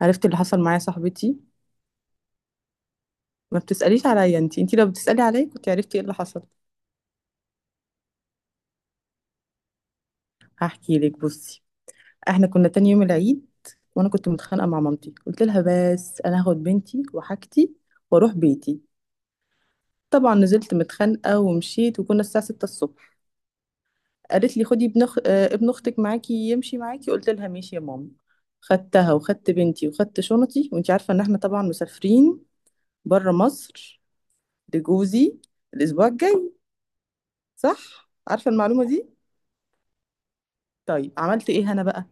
عرفت اللي حصل معايا صاحبتي. ما بتسأليش عليا، انتي لو بتسألي عليا كنت عرفتي ايه اللي حصل. هحكي لك، بصي، احنا كنا تاني يوم العيد وانا كنت متخانقة مع مامتي قلت لها بس انا هاخد بنتي وحاجتي واروح بيتي. طبعا نزلت متخانقة ومشيت وكنا الساعة 6 الصبح. قالت لي خدي ابن أخ... آه، ابن اختك معاكي يمشي معاكي، قلت لها ماشي يا ماما. خدتها وخدت بنتي وخدت شنطي وانتي عارفة ان احنا طبعا مسافرين بره مصر لجوزي الاسبوع الجاي، صح عارفة المعلومة دي؟ طيب عملت ايه انا بقى،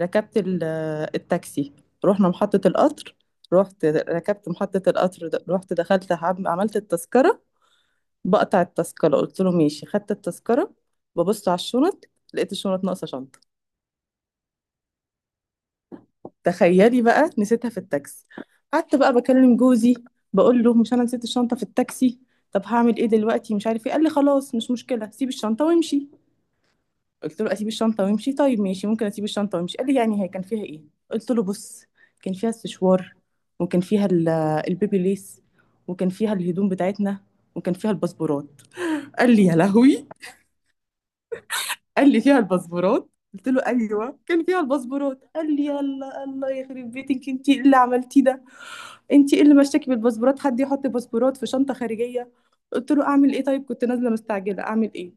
ركبت التاكسي، رحنا محطة القطر. رحت ركبت محطة القطر، رحت دخلت عملت التذكرة. بقطع التذكرة قلت له ماشي، خدت التذكرة، ببص على الشنط لقيت الشنط ناقصة شنطة. تخيلي بقى نسيتها في التاكسي. قعدت بقى بكلم جوزي بقول له مش انا نسيت الشنطة في التاكسي، طب هعمل ايه دلوقتي مش عارف ايه. قال لي خلاص مش مشكلة، سيب الشنطة وامشي. قلت له اسيب الشنطه وامشي؟ طيب ماشي، ممكن اسيب الشنطه وامشي. قال لي يعني هي كان فيها ايه؟ قلت له بص، كان فيها السشوار، وكان فيها البيبي ليس، وكان فيها الهدوم بتاعتنا، وكان فيها الباسبورات. قال لي يا لهوي. قال لي فيها الباسبورات؟ قلت له ايوه كان فيها الباسبورات. قال لي يلا الله يخرب بيتك، انت إيه اللي عملتيه ده، انت ايه اللي مشاكي بالباسبورات، حد يحط باسبورات في شنطه خارجيه؟ قلت له اعمل ايه طيب، كنت نازله مستعجله اعمل ايه.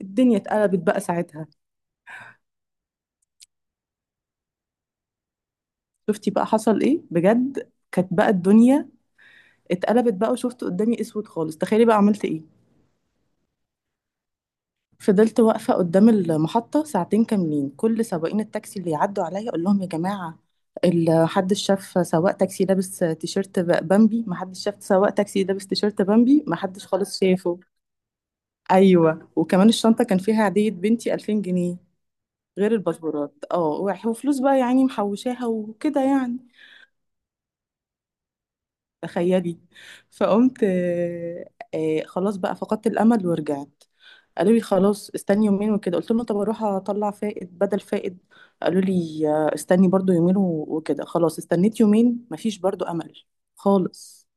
الدنيا اتقلبت بقى ساعتها. شفتي بقى حصل ايه بجد. كانت بقى الدنيا اتقلبت بقى، وشفت قدامي اسود خالص. تخيلي بقى عملت ايه. فضلت واقفه قدام المحطه ساعتين كاملين، كل سواقين التاكسي اللي يعدوا عليا اقول لهم يا جماعه حدش شاف سواق تاكسي لابس تيشيرت بامبي، محدش شاف سواق تاكسي لابس تيشيرت بامبي، محدش خالص شافه. ايوه، وكمان الشنطه كان فيها عيديه بنتي 2000 جنيه غير الباسبورات، اه، وفلوس بقى يعني محوشاها وكده يعني. تخيلي. فقمت خلاص بقى فقدت الامل ورجعت. قالوا لي خلاص استني يومين وكده. قلت لهم طب اروح اطلع فائد بدل فائد. قالوا لي استني برضو يومين وكده. خلاص استنيت يومين، مفيش برضو امل خالص.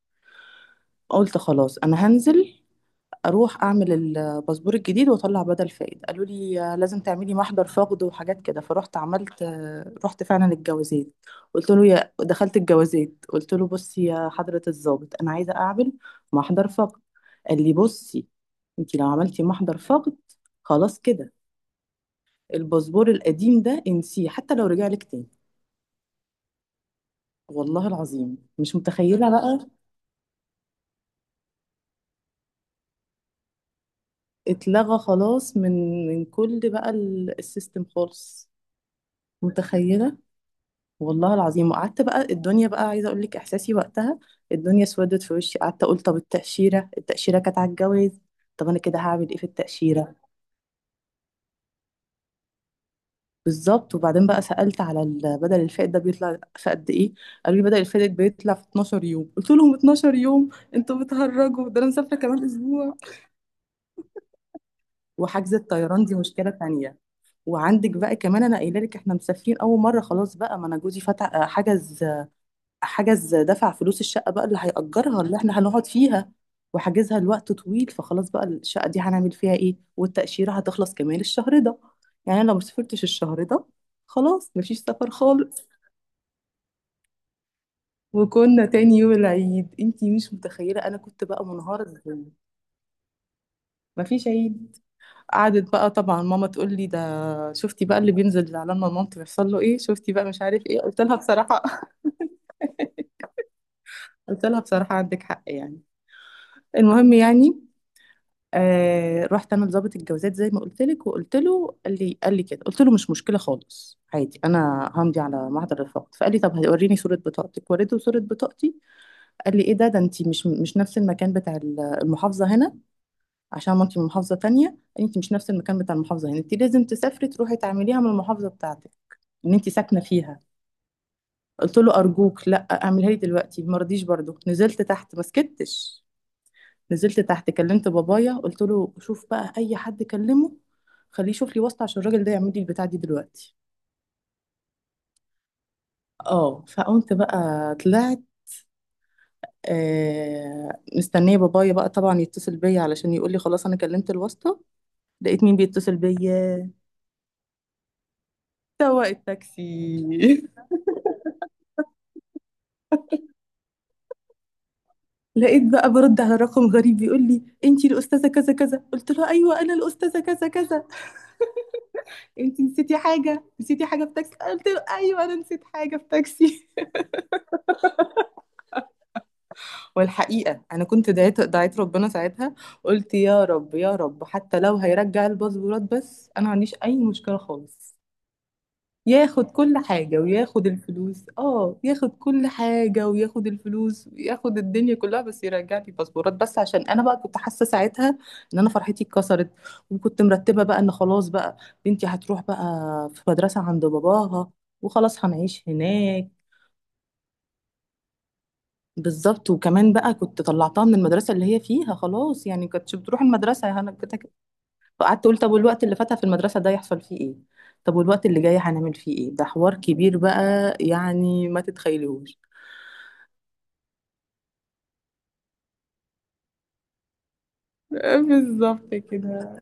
قلت خلاص انا هنزل اروح اعمل الباسبور الجديد واطلع بدل فائد. قالوا لي لازم تعملي محضر فقد وحاجات كده. فرحت عملت، رحت فعلا الجوازات. قلت له، يا دخلت الجوازات قلت له بصي يا حضرة الضابط، انا عايزة اعمل محضر فقد. قال لي بصي، انت لو عملتي محضر فقد خلاص كده، الباسبور القديم ده انسيه حتى لو رجع لك تاني. والله العظيم مش متخيلة بقى. اتلغى خلاص من كل بقى السيستم خالص. متخيلة. والله العظيم. وقعدت بقى الدنيا بقى عايزه اقول لك احساسي وقتها، الدنيا اسودت في وشي. قعدت اقول طب التاشيره كانت على الجواز. طب انا كده هعمل ايه في التاشيره. بالظبط. وبعدين بقى سالت على بدل الفائت ده بيطلع في قد ايه. قالوا لي بدل الفائت بيطلع في 12 يوم. قلت لهم 12 يوم؟ انتوا بتهرجوا، ده انا مسافره كمان اسبوع. وحجز الطيران دي مشكله تانية. وعندك بقى كمان، انا قايله لك احنا مسافرين اول مره. خلاص بقى، ما انا جوزي فتح حجز دفع فلوس الشقة بقى اللي هيأجرها، اللي احنا هنقعد فيها، وحاجزها لوقت طويل. فخلاص بقى الشقة دي هنعمل فيها ايه، والتأشيرة هتخلص كمان الشهر ده. يعني أنا لو مسافرتش الشهر ده خلاص مفيش سفر خالص. وكنا تاني يوم العيد، انتي مش متخيلة انا كنت بقى منهارة ازاي. مفيش عيد. قعدت بقى طبعا ماما تقول لي ده، شفتي بقى اللي بينزل على ما مامتي بيحصل له ايه، شفتي بقى مش عارف ايه. قلت لها بصراحة قلت لها بصراحة عندك حق يعني. المهم يعني، رحت انا لضابط الجوازات زي ما قلت لك وقلت له، قال لي كده قلت له مش مشكله خالص عادي، انا همضي على معدل الرفاقة. فقال لي طب هوريني صوره بطاقتك. وريته صوره بطاقتي. قال لي ايه ده انت مش نفس المكان بتاع المحافظه هنا، عشان ما انت من محافظه تانية. قال لي انت مش نفس المكان بتاع المحافظه هنا، انت لازم تسافري تروحي تعمليها من المحافظه بتاعتك ان انت ساكنه فيها. قلت له ارجوك لا اعملها لي دلوقتي. ما رضيش برضه. نزلت تحت. ما سكتش. نزلت تحت كلمت بابايا، قلت له شوف بقى اي حد كلمه خليه يشوف لي واسطه عشان الراجل ده يعمل لي البتاع دي دلوقتي. اه، فقمت بقى طلعت. مستنيه بابايا بقى طبعا يتصل بيا علشان يقول لي خلاص انا كلمت الواسطه. لقيت مين بيتصل بيا؟ سواق التاكسي. لقيت بقى برد على رقم غريب، بيقول لي انتي الاستاذه كذا كذا، قلت له ايوه انا الاستاذه كذا كذا. انتي نسيتي حاجه، نسيتي حاجه في تاكسي؟ قلت له ايوه انا نسيت حاجه في تاكسي. والحقيقة أنا كنت دعيت ربنا ساعتها. قلت يا رب يا رب حتى لو هيرجع الباسبورات بس أنا ما عنديش أي مشكلة خالص، ياخد كل حاجة وياخد الفلوس، اه ياخد كل حاجة وياخد الفلوس وياخد الدنيا كلها، بس يرجع لي الباسبورات بس. عشان أنا بقى كنت حاسة ساعتها إن أنا فرحتي اتكسرت، وكنت مرتبة بقى إن خلاص بقى بنتي هتروح بقى في مدرسة عند باباها، وخلاص هنعيش هناك. بالظبط. وكمان بقى كنت طلعتها من المدرسه اللي هي فيها خلاص، يعني كنتش بتروح المدرسه يا هنا كده كده. فقعدت اقول طب والوقت اللي فاتها في المدرسه ده يحصل فيه ايه، طب والوقت اللي جاي هنعمل فيه ايه، ده حوار كبير بقى، يعني ما تتخيلوش. بالظبط كده.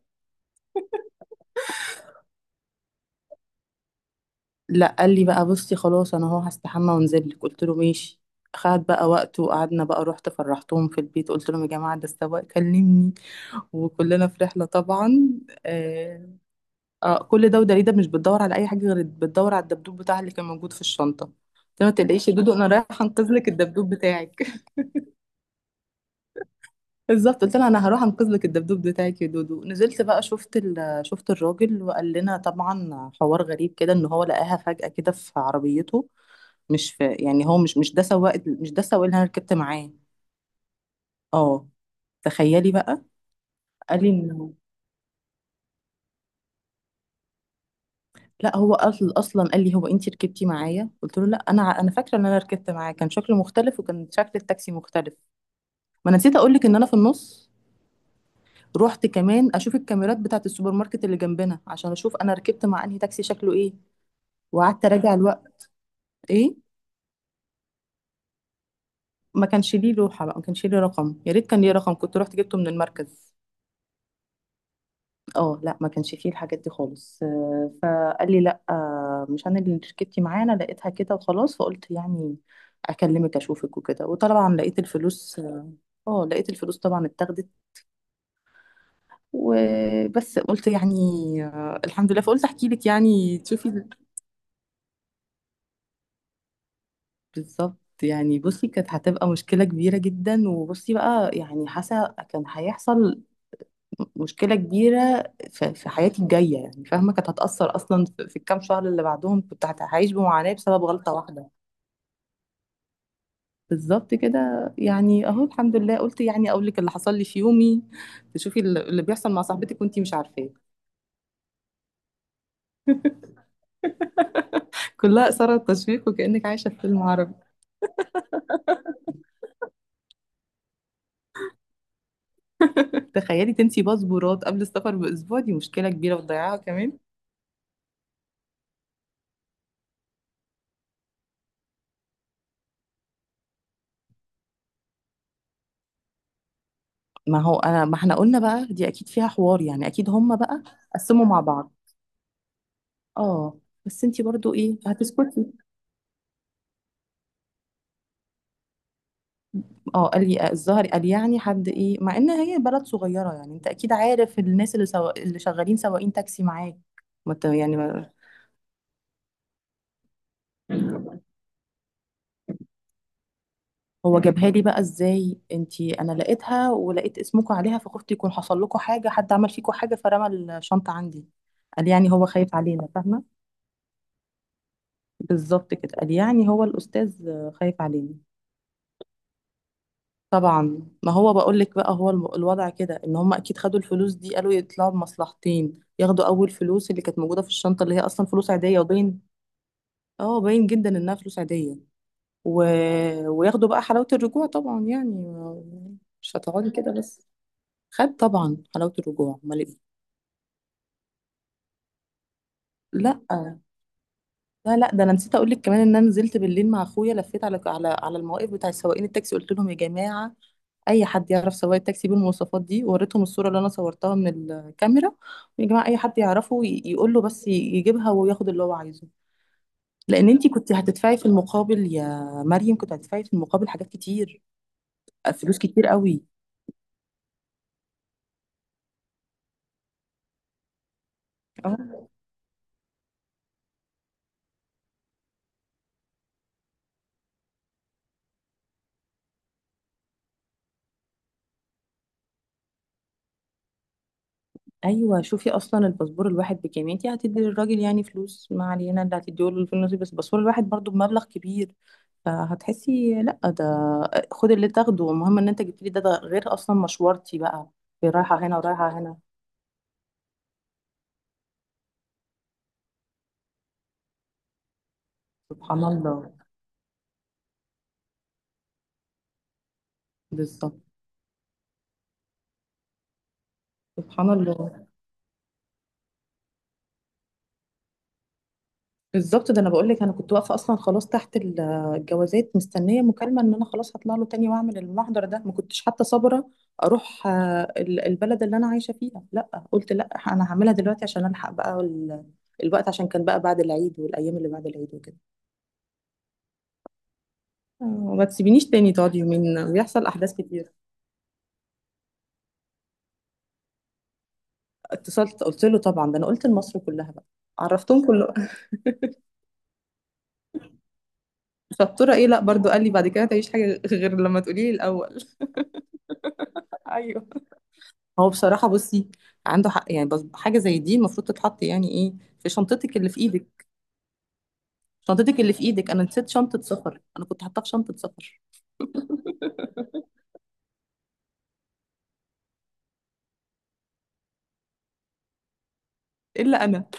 لا، قال لي بقى بصي خلاص انا اهو هستحمى وانزل لك. قلت له ماشي، خد بقى وقت. وقعدنا بقى، رحت فرحتهم في البيت قلت لهم يا جماعه ده السواق كلمني، وكلنا في رحله طبعا. آه، اه كل ده، ودليده مش بتدور على اي حاجه غير بتدور على الدبدوب بتاعها اللي كان موجود في الشنطه. قلت لها ما تقلقيش يا دودو انا رايحه انقذ لك الدبدوب بتاعك. بالظبط. قلت لها انا هروح انقذ لك الدبدوب بتاعك يا دودو. نزلت بقى، شفت الراجل، وقال لنا طبعا حوار غريب كده ان هو لقاها فجاه كده في عربيته، مش في يعني، هو مش ده سواق، مش ده السواق اللي انا ركبت معاه. اه، تخيلي بقى. قال لي انه، لا هو اصلا قال لي هو انت ركبتي معايا؟ قلت له لا، انا فاكره ان انا ركبت معاه كان شكله مختلف وكان شكل التاكسي مختلف. ما انا نسيت اقول لك ان انا في النص رحت كمان اشوف الكاميرات بتاعت السوبر ماركت اللي جنبنا عشان اشوف انا ركبت مع انهي تاكسي شكله ايه، وقعدت اراجع الوقت. ايه، ما كانش ليه لوحة بقى، ما كانش ليه رقم، يا ريت كان ليه رقم كنت رحت جبته من المركز. اه لا ما كانش فيه الحاجات دي خالص. فقال لي لا، مش انا اللي ركبتي معايا، انا لقيتها كده وخلاص. فقلت يعني اكلمك اشوفك وكده. وطبعا لقيت الفلوس، اه لقيت الفلوس طبعا اتاخدت. وبس. قلت يعني، الحمد لله. فقلت احكي لك يعني تشوفي. بالظبط. يعني بصي كانت هتبقى مشكلة كبيرة جدا، وبصي بقى يعني حاسة كان هيحصل مشكلة كبيرة في حياتي الجاية يعني، فاهمة؟ كانت هتأثر أصلا في الكام شهر اللي بعدهم. كنت هعيش بمعاناة بسبب غلطة واحدة. بالظبط كده. يعني أهو الحمد لله. قلت يعني أقول لك اللي حصل لي في يومي، تشوفي اللي بيحصل مع صاحبتك وأنتي مش عارفاه. كلها إثارة تشويق، وكأنك عايشة في فيلم عربي. تخيلي تنسي باسبورات قبل السفر بأسبوع، دي مشكلة كبيرة، وتضيعها كمان. ما هو انا، ما احنا قلنا بقى دي اكيد فيها حوار يعني، اكيد هما بقى قسموا مع بعض. اه. بس انتي برضو ايه، هتسكتي؟ اه. قال لي الظهر، قال يعني حد ايه، مع ان هي بلد صغيره يعني انت اكيد عارف الناس اللي شغالين سواقين تاكسي معاك. ما انت يعني ما... هو جابها لي بقى ازاي. انتي انا لقيتها، ولقيت اسمكم عليها، فخفت يكون حصل لكم حاجه، حد عمل فيكم حاجه، فرمى الشنطه عندي. قال يعني هو خايف علينا، فاهمه؟ بالظبط كده. قال يعني هو الاستاذ خايف علينا. طبعا، ما هو بقول لك بقى، هو الوضع كده ان هم اكيد خدوا الفلوس دي، قالوا يطلعوا بمصلحتين، ياخدوا اول فلوس اللي كانت موجوده في الشنطه اللي هي اصلا فلوس عاديه وباين، اه باين جدا انها فلوس عاديه، و... وياخدوا بقى حلاوه الرجوع طبعا يعني، مش هتقعدي كده بس، خد طبعا حلاوه الرجوع امال ايه. لا لا لا، ده انا نسيت اقول لك كمان ان انا نزلت بالليل مع اخويا لفيت على المواقف بتاع سواقين التاكسي، قلت لهم يا جماعه اي حد يعرف سواق التاكسي بالمواصفات دي، وريتهم الصوره اللي انا صورتها من الكاميرا. يا جماعه اي حد يعرفه يقول له بس يجيبها وياخد اللي هو عايزه، لان انتي كنت هتدفعي في المقابل يا مريم، كنت هتدفعي في المقابل حاجات كتير، فلوس كتير قوي. اه. ايوه، شوفي اصلا الباسبور الواحد بكام، انتي هتدي للراجل يعني فلوس، ما علينا اللي هتديه له في النصيب، بس الباسبور الواحد برضو بمبلغ كبير، فهتحسي لا ده خد اللي تاخده المهم ان انت جبت لي ده, غير اصلا مشوارتي بقى، رايحه هنا ورايحه هنا. سبحان الله. بالظبط. سبحان الله. بالظبط. ده انا بقول لك انا كنت واقفه اصلا خلاص تحت الجوازات مستنيه مكالمه ان انا خلاص هطلع له تاني واعمل المحضر ده. ما كنتش حتى صابره اروح، البلد اللي انا عايشه فيها. لا قلت لا، انا هعملها دلوقتي عشان الحق بقى الوقت، عشان كان بقى بعد العيد والايام اللي بعد العيد وكده. آه، ما تسيبينيش تاني تقعدي يومين بيحصل احداث كتير. اتصلت قلت له طبعا، ده انا قلت لمصر كلها بقى، عرفتهم كله. شطوره ايه، لا، برضو قال لي بعد كده تعيش حاجه غير لما تقولي لي الاول. ايوه. هو بصراحة بصي، عنده حق يعني، بس حاجة زي دي المفروض تتحط يعني ايه في شنطتك اللي في ايدك. شنطتك اللي في ايدك، انا نسيت شنطة سفر، انا كنت حاطاها في شنطة سفر. الا انا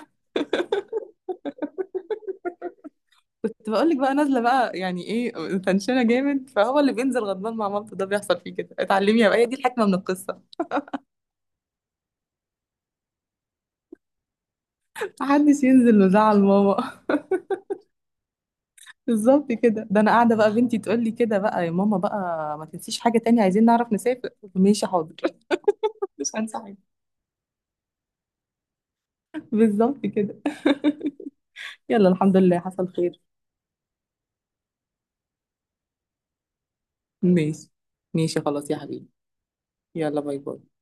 كنت بقول لك بقى نازلة بقى يعني ايه، تنشنة جامد، فهو اللي بينزل غضبان مع مامته ده بيحصل فيه كده. اتعلمي يا بقى هي دي الحكمة من القصة، محدش ينزل مزعل ماما. بالظبط كده. ده انا قاعدة بقى بنتي تقول لي كده بقى، يا ماما بقى ما تنسيش حاجة تانية، عايزين نعرف نسافر. ماشي حاضر. مش هنسى حاجة. بالظبط كده. يلا الحمد لله حصل خير. ماشي. ماشي خلاص يا حبيبي. يلا باي باي.